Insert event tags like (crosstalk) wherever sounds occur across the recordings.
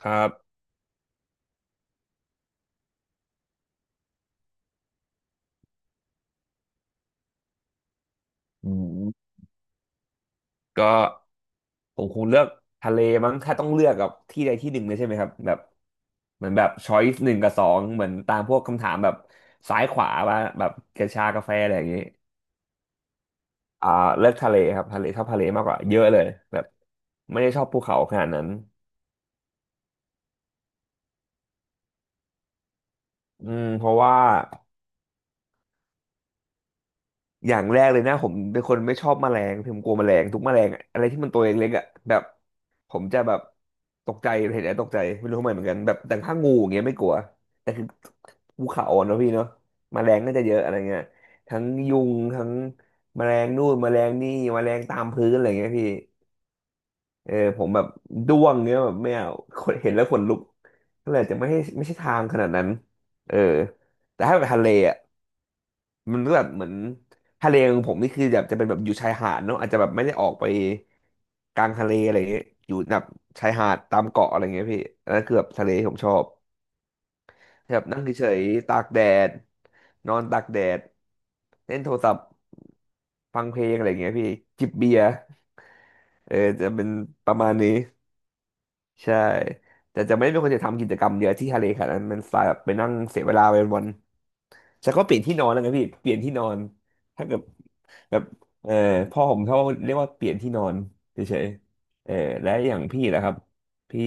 ครับอืมก็ผมคงเลือกทะเลมั้ง ถ้าต้องเลือกกับที่ใดที่หนึ่งเลยใช่ไหมครับแบบเหมือนแบบช้อยส์หนึ่งกับสองเหมือนตามพวกคำถามแบบซ้ายขวาว่าแบบกระชากาแฟอะไรอย่างนี้อ่าเลือกทะเลครับทะเลชอบทะเลมากกว่าเยอะเลยแบบไม่ได้ชอบภูเขาขนาดนั้นเพราะว่า อย่างแรกเลยนะผมเป็นคนไม่ชอบแมลงผมกลัวแมลงทุกแมลงอะอะไรที่มันตัวเล็กๆอ่ะแบบผมจะแบบตกใจเห็นแล้วตกใจไม่รู้ทำไมเหมือนกันแบบแต่ถ้างูอย่างเงี้ยไม่กลัวแต่คือภูเขาอ่อนเนอะพี่เนาะแมลงก็จะเยอะอะไรเงี้ยทั้งยุงทั้งแมลงนู่นแมลงนี่แมลงตามพื้นอะไรเงี้ยพี่เออผมแบบด้วงเงี้ยแบบไม่เอาคนเห็นแล้วขนลุกก็เลยจะไม่ให้ไม่ใช่ทางขนาดนั้นเออแต่ถ้าไปทะเลอ่ะ มันก็แบบเหมือนทะเลของผมนี่คือแบบจะเป็นแบบอยู่ชายหาดเนาะอาจจะแบบไม่ได้ออกไปกลางทะเลอะไรเงี้ยอยู่แบบชายหาดตามเกาะอะไรเงี้ยพี่อันนั้นคือแบบทะเลที่ผมชอบแบบนั่งเฉยๆตากแดดนอนตากแดดเล่นโทรศัพท์ฟังเพลงอะไรเงี้ยพี่จิบเบียร์เออจะเป็นประมาณนี้ใช่แต่จะไม่เป็นคนจะทำกิจกรรมเยอะที่ทะเลขนาดนั้นมันสายแบบไปนั่งเสียเวลาไปวันๆแต่ก็เปลี่ยนที่นอนแล้วไงพี่เปลี่ยนที่นอนถ้าเกิด แบบเออพ่อผมเขาเรียกว่าเปลี่ยนที่นอนเฉยๆเออและอย่างพี่นะครับพี่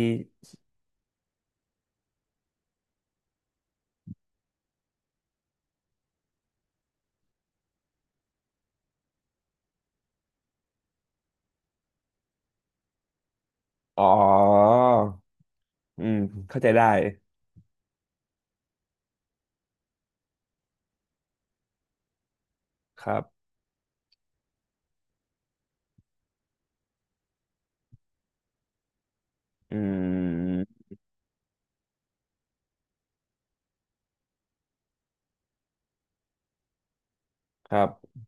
อ๋ออืมเข้าใจได้ครับอืมครับ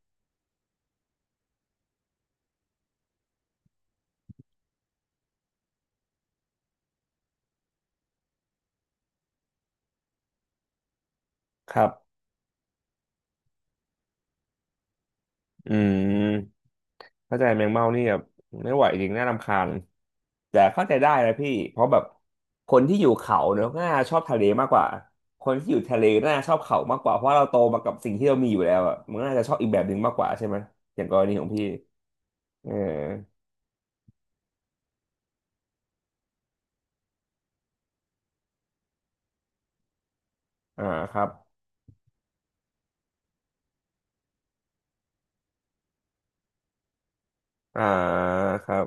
ครับอืมเข้าใจแมงเม่านี่แบบไม่ไหวจริงน่ารำคาญแต่เข้าใจได้นะพี่เพราะแบบคนที่อยู่เขาเนอะน่าชอบทะเลมากกว่าคนที่อยู่ทะเลน่าชอบเขามากกว่าเพราะเราโตมากับสิ่งที่เรามีอยู่แล้วอะมันน่าจะชอบอีกแบบหนึ่งมากกว่าใช่ไหมอย่างกรณีของพี่เอออ่าครับ อ่าครับ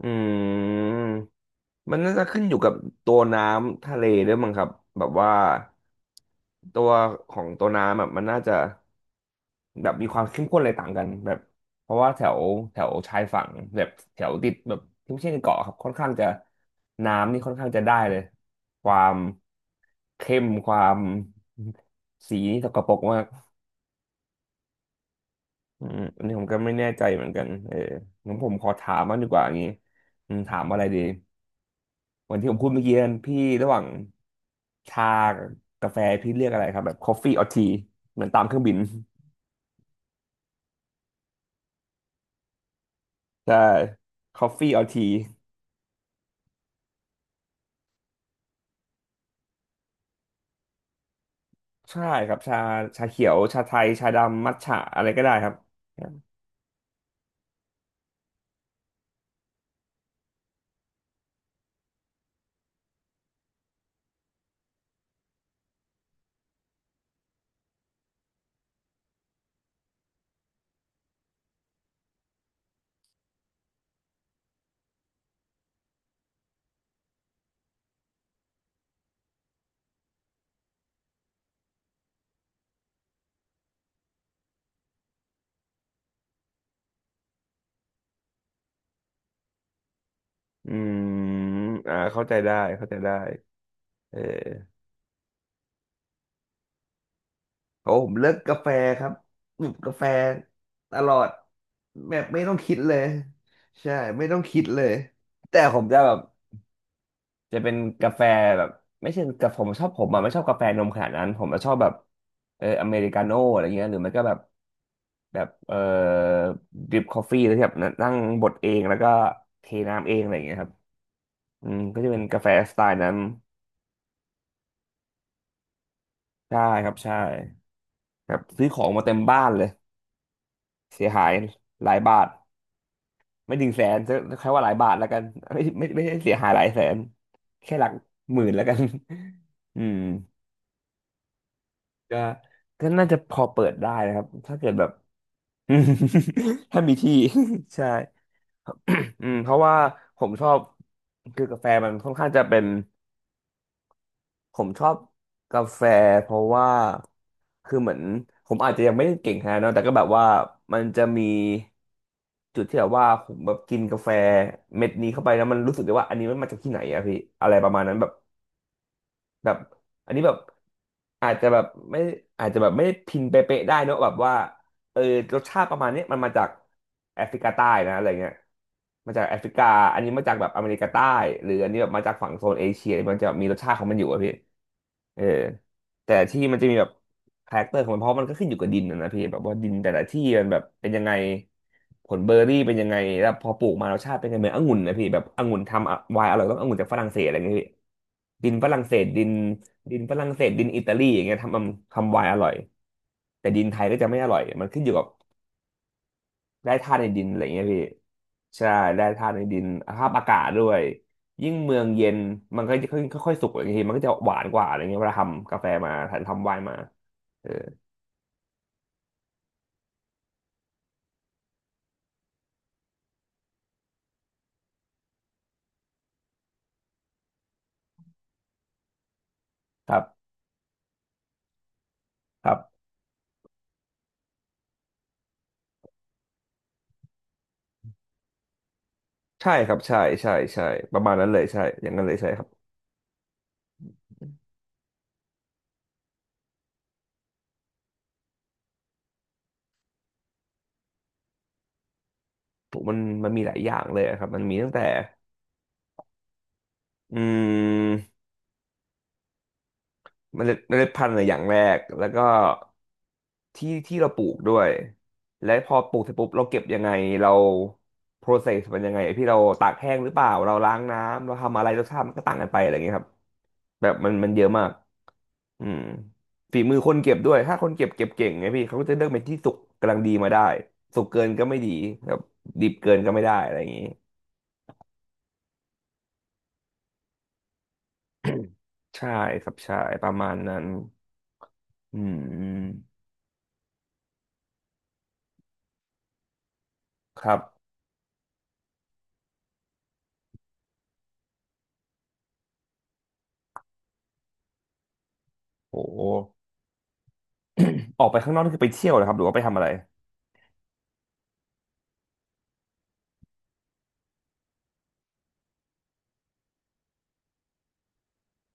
อืมมันน่าจะขึ้นอยู่กับตัวน้ำทะเลด้วยมั้งครับแบบว่าตัวของตัวน้ำแบบมันน่าจะแบบมีความเข้มข้นอะไรต่างกันแบบเพราะว่าแถวแถวชายฝั่งแบบแถวติดแบบที่ไม่ใช่ในเกาะครับค่อนข้างจะน้ำนี่ค่อนข้างจะได้เลยความเข้มความสีนี่สกปรกมาก อันนี้ผมก็ไม่แน่ใจเหมือนกันเอองั้นผมขอถามมางดีกว่าอย่างนี้ถามอะไรดีเหมือนที่ผมพูดเมื่อกี้นั้นพี่ระหว่างชากับกาแฟพี่เลือกอะไรครับแบบ coffee or tea เหมือนตามเครื่องบินใช่ coffee or tea ใช่ครับชาชาเขียวชาไทยชาดำมัทฉะอะไรก็ได้ครับ อืมอ่าเข้าใจได้เข้าใจได้เออ โอ้ผมเลิกกาแฟครับหยุบกาแฟตลอดแบบไม่ต้องคิดเลยใช่ไม่ต้องคิดเลยแต่ผมจะแบบจะเป็นกาแฟแบบไม่ใช่กาแฟผมชอบผมอ่ะไม่ชอบกาแฟนมขนาดนั้นผมจะชอบแบบเอออเมริกาโน่อะไรเงี้ยหรือไม่ก็แบบแบบเออดริปคอฟฟี่แล้วที่แบบนั่งบดเองแล้วก็เทน้ำเองอะไรอย่างเงี้ยครับก็จะเป็นกาแฟสไตล์นั้นใช่ครับใช่แบบซื้อของมาเต็มบ้านเลยเสียหายหลายบาท ไม่ถึงแสนจะใช้ว่าหลายบาทแล้วกันไม่ไม่ไม่ได้เสียหายหลายแสนแค่หลักหมื่นแล้วกัน (laughs) อืมก็ก็น่าจะพอเปิดได้นะครับถ้าเกิดแบบ (laughs) ถ้ามีที่ (laughs) ใช่ (coughs) เพราะว่าผมชอบคือกาแฟมันค่อนข้างจะเป็น ผมชอบกาแฟเพราะว่าคือเหมือนผมอาจจะยังไม่ได้เก่งขนาดนั้นแต่ก็แบบว่ามันจะมีจุดที่แบบว่าผมแบบกินกาแฟเม็ดนี้เข้าไปแล้วมันรู้สึกได้ว่าอันนี้มันมาจากที่ไหนอะพี่อะไรประมาณนั้นแบบ แบบอันนี้แบบอาจจะแบบไม่อาจจะแบบไม่พินเป๊ะๆได้เนอะแบบว่าเออรสชาติประมาณเนี้ยมันมาจากแอฟริกาใต้นะอะไรเงี้ยมาจากแอฟริกาอันนี้มาจากแบบอเมริกาใต้หรืออันนี้แบบมาจากฝั่งโซนเอเชียมันจะมีรสชาติของมันอยู่อะพี่เออแต่ที่มันจะมีแบบคาแรคเตอร์ของมันเพราะมันก็ขึ้นอยู่กับดินนะนะพี่แบบว่าดินแต่ละที่มันแบบเป็นยังไง ผลเบอร์รี่เป็นยังไงแล้วพอปลูกมารสชาติเป็นยังไงเหมือนองุ่นนะพี่แบบองุ่นทำอะไวน์อร่อยต้ององุ่นจากฝรั่งเศสอะไรอย่างเงี้ยพี่ดินฝรั่งเศสดินฝรั่งเศสดินอิตาลีอย่างเงี้ยทำไวน์อร่อยแต่ดินไทยก็จะไม่อร่อยมันขึ้นอยู่กับแร่ธาตุในดินอะไรอย่างเงี้ยพี่ใช่แร่ธาตุในดินสภาพอากาศด้วยยิ่งเมืองเย็นมันก็จะค่อยๆสุกอย่างทีมันก็จะหวานกว่าอะไรเงี้ยเวลาทำกาแฟมาทำไวน์มาเออครับครับใช่ครับใช่ ใช่ใช่ประมาณนั้นเลยใช่อย่างนั้นเลยใช่ครับ ผมมันมีหลายอย่างเลยอะครับมันมีตั้งแต่อืมเมล็ดพันธุ์อะอย่างแรกแล้วก็ที่เราปลูกด้วยและพอปลูกเสร็จปุ๊บเราเก็บยังไงเราโปรเซสมันยังไงพี่เราตากแห้งหรือเปล่าเราล้างน้ำเราทำอะไรรสชาติมันก็ต่างกันไปอะไรอย่างเงี้ยครับแบบมันเยอะมากอืมฝีมือคนเก็บด้วยถ้าคนเก็บเก่งไงพี่เขาก็จะเลือกเป็นที่สุกกำลังดีมาได้สุกเกินก็ไม่ดีแบบดิบเกินก็ไม่ได้อะไรอย่างงี้ ใช่ครับใช่ประมาณนั้นอืมครับโหออกไปข้างนอกนี่คือไปเที่ยวเหรอครับหรือว่าไปทำอะไร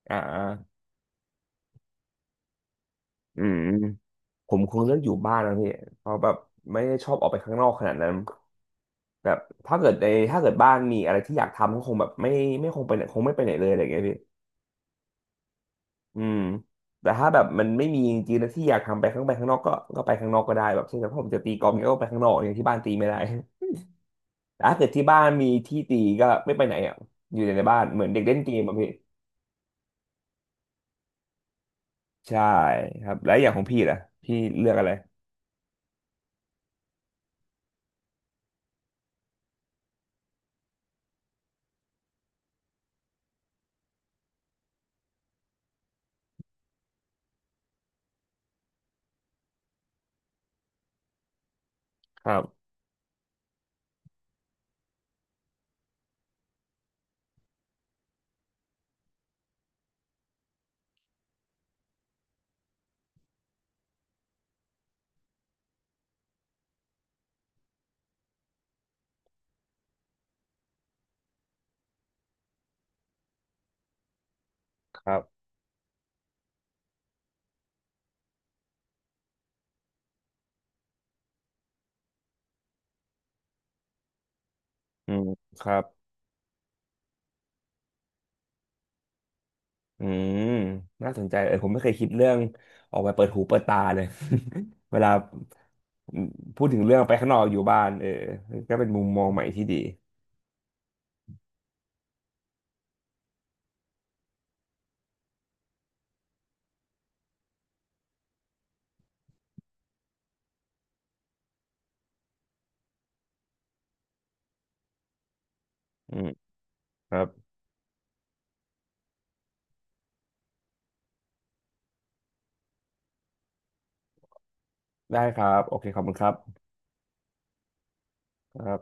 อ่าอืมผมคงเลือกอยู่บ้านนะพี่เพราะแบบไม่ได้ชอบออกไปข้างนอกขนาดนั้นแบบถ้าเกิดในถ้าเกิดบ้านมีอะไรที่อยากทำก็คงแบบไม่คงไปไหนคงไม่ไปไหนเลยอะไรอย่างเงี้ยพี่อืมแต่ถ้าแบบมันไม่มีจริงๆนะที่อยากทำไปข้างนอกก็ไปข้างนอกก็ได้แบบเช่นแบบผมจะตีกอล์ฟเนี่ยก็ไปข้างนอกอย่างที่บ้านตีไม่ได้ ถ้าเกิดที่บ้านมีที่ตีก็ไม่ไปไหนอ่ะอยู่แต่ในบ้านเหมือนเด็กเล่นเกมอ่ะพี่ใช่ครับแล้วอย่างของพี่ล่ะพี่เลือกอะไรครับครับอืมครับอืมน่าสนใจเออผมไม่เคยคิดเรื่องออกไปเปิดหูเปิดตาเลย (laughs) เวลาพูดถึงเรื่องไปข้างนอกอยู่บ้านเออก็เป็นมุมมองใหม่ที่ดีอืมครับได้ครับโอเคขอบคุณครับครับ